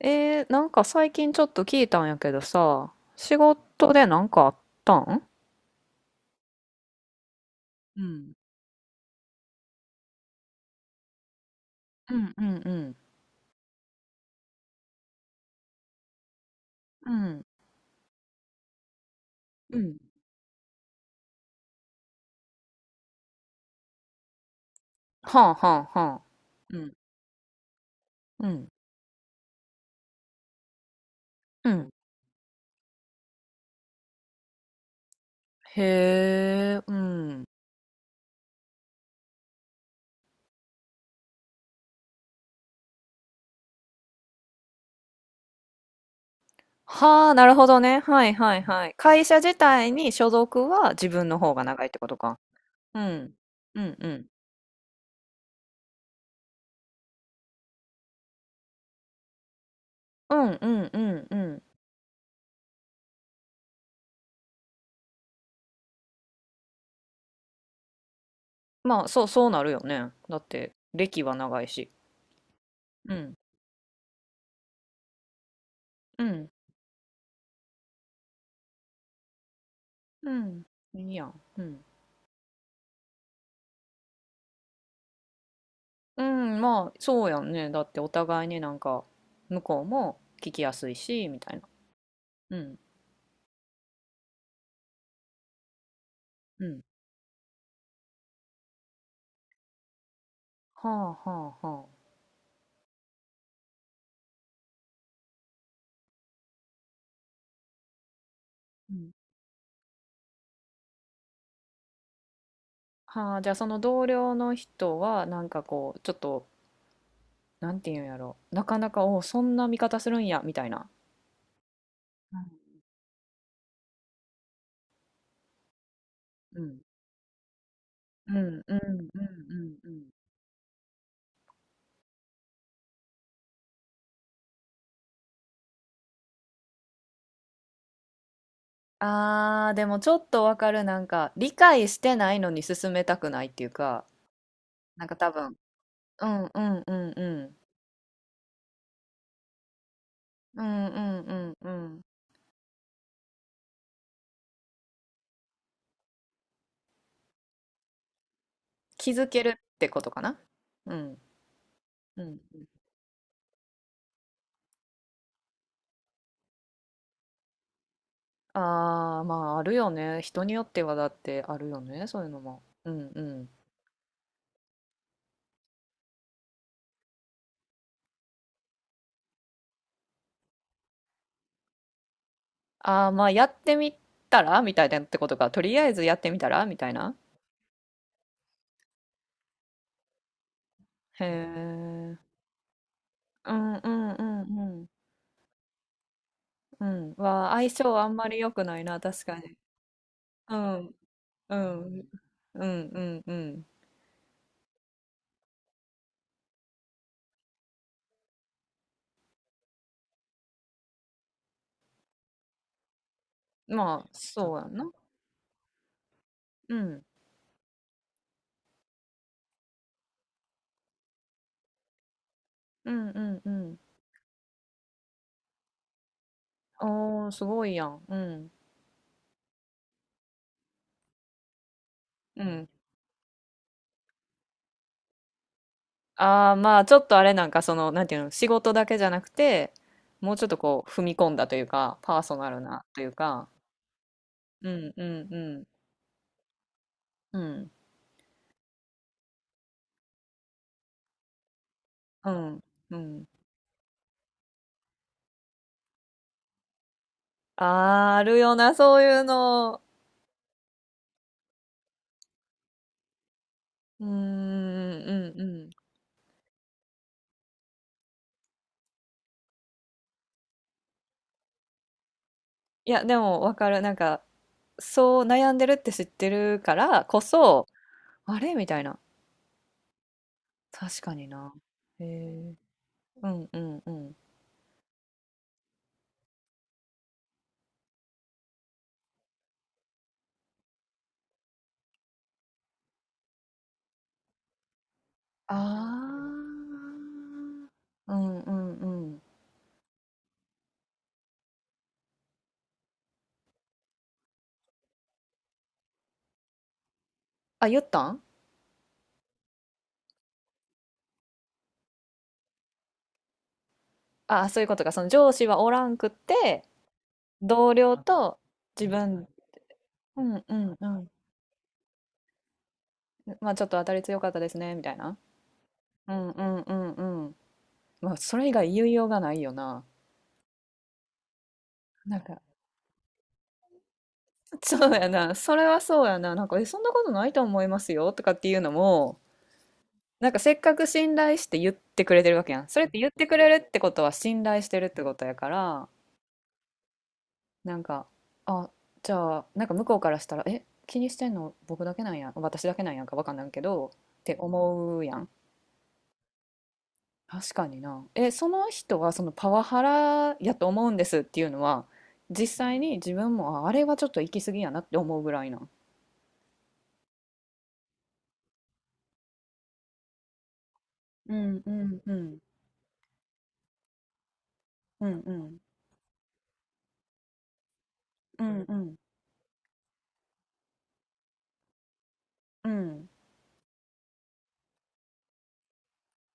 なんか最近ちょっと聞いたんやけどさ、仕事でなんかあったん。うん、うんうんうんうん、うん、はあはあはあ、うん。うん。うん。へえ、うん。はあ、なるほどね。はいはいはい。会社自体に所属は自分の方が長いってことか。うん。うんうん。うんうんうんうん。まあ、そう、そうなるよね。だって、歴は長いし。うん。うん。うん。いいやん。うん。うん、まあ、そうやんね。だってお互いになんか、向こうも聞きやすいし、みたいな。うん、うん。はあ、はあ、はあ。うん。はあ、じゃあその同僚の人は、なんかこう、ちょっと、なんていうんやろ。なかなか、おうそんな見方するんや、みたいな。うん、うん、うん、うん、うん、うん。うん、あー、でもちょっとわかる。なんか、理解してないのに進めたくないっていうか、なんか多分、うん、うん、うん、うん。うん、うん、うん、うん。気づけるってことかな。うん。うん。ああ、まあ、あるよね。人によってはだってあるよね。そういうのも。うんうん。ああ、まあ、やってみたらみたいなってことか。とりあえずやってみたらみたいな。へえ。うんうんうんうんうん。は相性あんまり良くないな、確かに。うんうんうんうんうん。まあそうやな。うんうんうんうん。おー、すごいやん。うんうん。ああ、まあ、ちょっとあれなんか、その、なんていうの、仕事だけじゃなくて、もうちょっとこう、踏み込んだというか、パーソナルなというか、うんうんうん、うん、うん、うん。あーあるよな、そういうの。うーん、うん、うん。いや、でも、わかる。なんか、そう悩んでるって知ってるからこそ、あれみたいな。確かにな。へえ。うん、うん、うん。ああ。うん、うん、うん。あ、言ったん？ああ、そういうことか。その上司はおらんくって、同僚と自分、うんうんうん。まあちょっと当たり強かったですね、みたいな。うんうんうんうん。まあそれ以外言いようがないよな。なんか、そうやな。それはそうやな。なんか、え、そんなことないと思いますよ、とかっていうのも、なんかせっかく信頼して言ってくれてるわけやん。それって言ってくれるってことは信頼してるってことやから、なんか、あ、じゃあ、なんか向こうからしたら、え、気にしてんの僕だけなんや、私だけなんやんかわかんないけど、って思うやん。確かにな。え、その人はそのパワハラやと思うんですっていうのは、実際に自分も、あ、あれはちょっと行き過ぎやなって思うぐらいなん？うんうんうんうんうんうんうんうん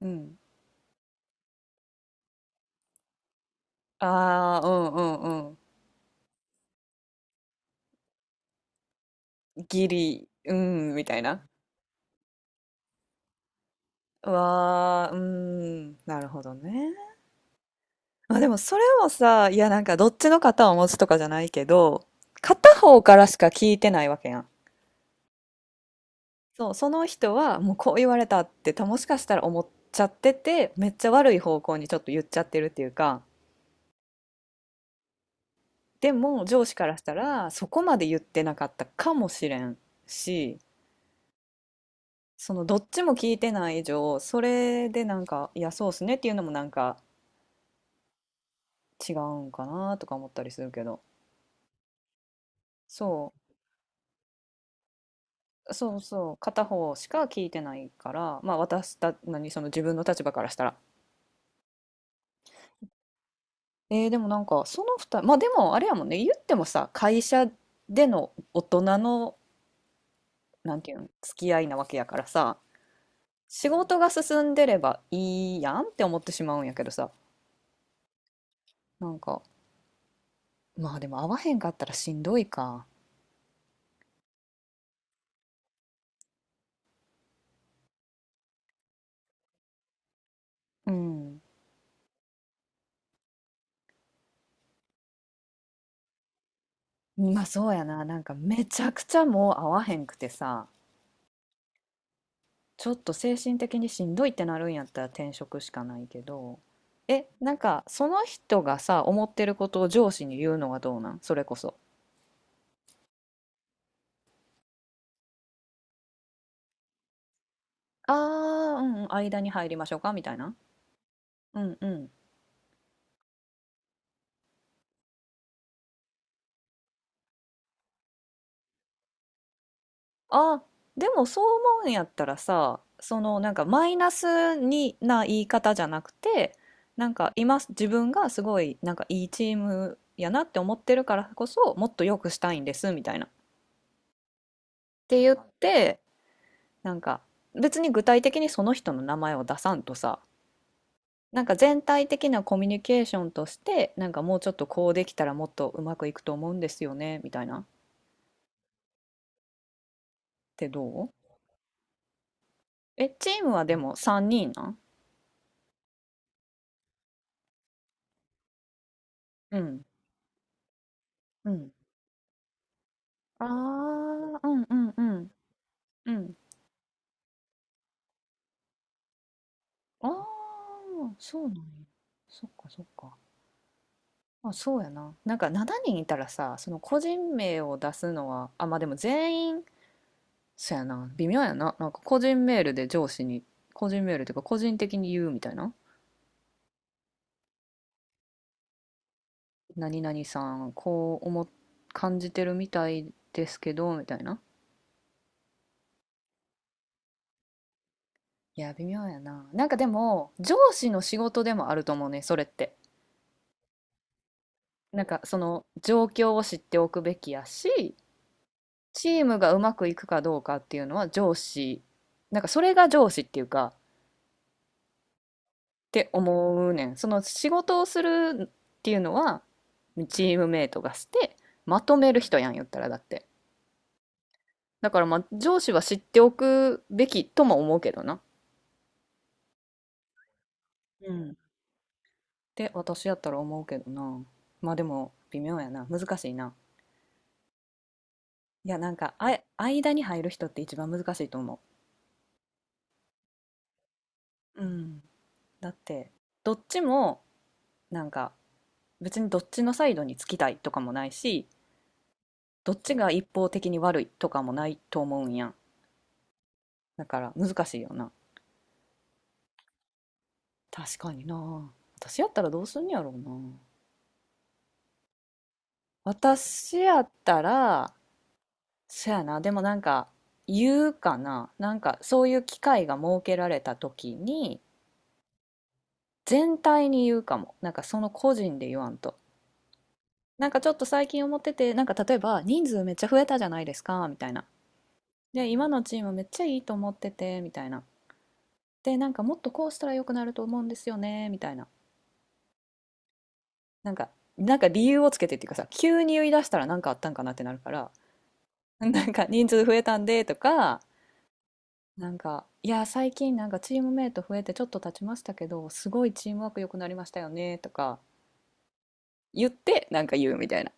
うん。ああー、うんうんうん。ギリうんみたいな。うわー、うん、なるほどね。まあでもそれもさ、いやなんかどっちの肩を持つとかじゃないけど、片方からしか聞いてないわけやん。そう、その人はもうこう言われたってたもしかしたら思っちゃってて、めっちゃ悪い方向にちょっと言っちゃってるっていうか、でも上司からしたらそこまで言ってなかったかもしれんし、そのどっちも聞いてない以上、それでなんか、いやそうっすねっていうのもなんか違うんかなとか思ったりするけど。そう。そうそう、片方しか聞いてないから、まあ何、その自分の立場からしたら。えー、でもなんか、その二人、まあでもあれやもんね、言ってもさ、会社での大人の、なんていうの、付き合いなわけやからさ、仕事が進んでればいいやんって思ってしまうんやけどさ、なんか、まあでも会わへんかったらしんどいか。うん。まあそうやな、なんかめちゃくちゃもう会わへんくてさ、ちょっと精神的にしんどいってなるんやったら転職しかないけど、え、なんかその人がさ、思ってることを上司に言うのはどうなんそれこそ。ああ、うんうん、間に入りましょうかみたいな。うんうん。あ、でもそう思うんやったらさ、そのなんかマイナスにな言い方じゃなくて、なんか今自分がすごいなんかいいチームやなって思ってるからこそもっと良くしたいんですみたいな。って言ってなんか別に具体的にその人の名前を出さんとさ、なんか全体的なコミュニケーションとしてなんかもうちょっとこうできたらもっとうまくいくと思うんですよねみたいなってどう。えチームはでも3人なん？うんうん、あー、うんうんうんうん、あーそうなんや。そっかそっか。あそうやな、なんか7人いたらさその個人名を出すのはまあでも全員そやな、微妙やな。なんか個人メールで上司に、個人メールというか個人的に言うみたいな。何々さん、こう思っ、感じてるみたいですけど、みたいな。いや、微妙やな。なんかでも、上司の仕事でもあると思うね、それって。なんかその状況を知っておくべきやし、チームがうまくいくかどうかっていうのは上司、なんかそれが上司っていうか、って思うねん。その仕事をするっていうのはチームメイトがしてまとめる人やん言ったらだって。だからまあ上司は知っておくべきとも思うけどな。うん。て私やったら思うけどな。まあでも微妙やな。難しいな。いやなんか間に入る人って一番難しいと思う。うん。だってどっちもなんか、別にどっちのサイドにつきたいとかもないし、どっちが一方的に悪いとかもないと思うんやん。だから難しいよな。確かにな。私やったらどうすんねやろうな。私やったら、そやな、でもなんか、言うかな。なんか、そういう機会が設けられた時に、全体に言うかも。なんか、その個人で言わんと。なんかちょっと最近思ってて、なんか例えば、人数めっちゃ増えたじゃないですか、みたいな。で、今のチームめっちゃいいと思ってて、みたいな。で、なんかもっとこうしたら良くなると思うんですよね、みたいな。なんか、なんか理由をつけてっていうかさ、急に言い出したらなんかあったんかなってなるから、なんか人数増えたんでとか、なんか、いや、最近なんかチームメイト増えてちょっと経ちましたけど、すごいチームワーク良くなりましたよねとか言ってなんか言うみたいな、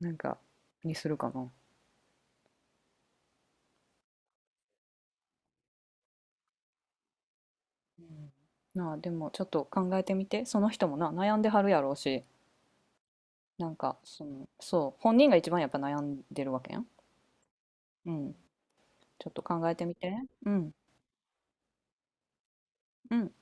なんかにするかな。うん、なあ、でもちょっと考えてみて、その人もな、悩んではるやろうし、なんかその、そう、本人が一番やっぱ悩んでるわけやん。うん、ちょっと考えてみて。うん、うん。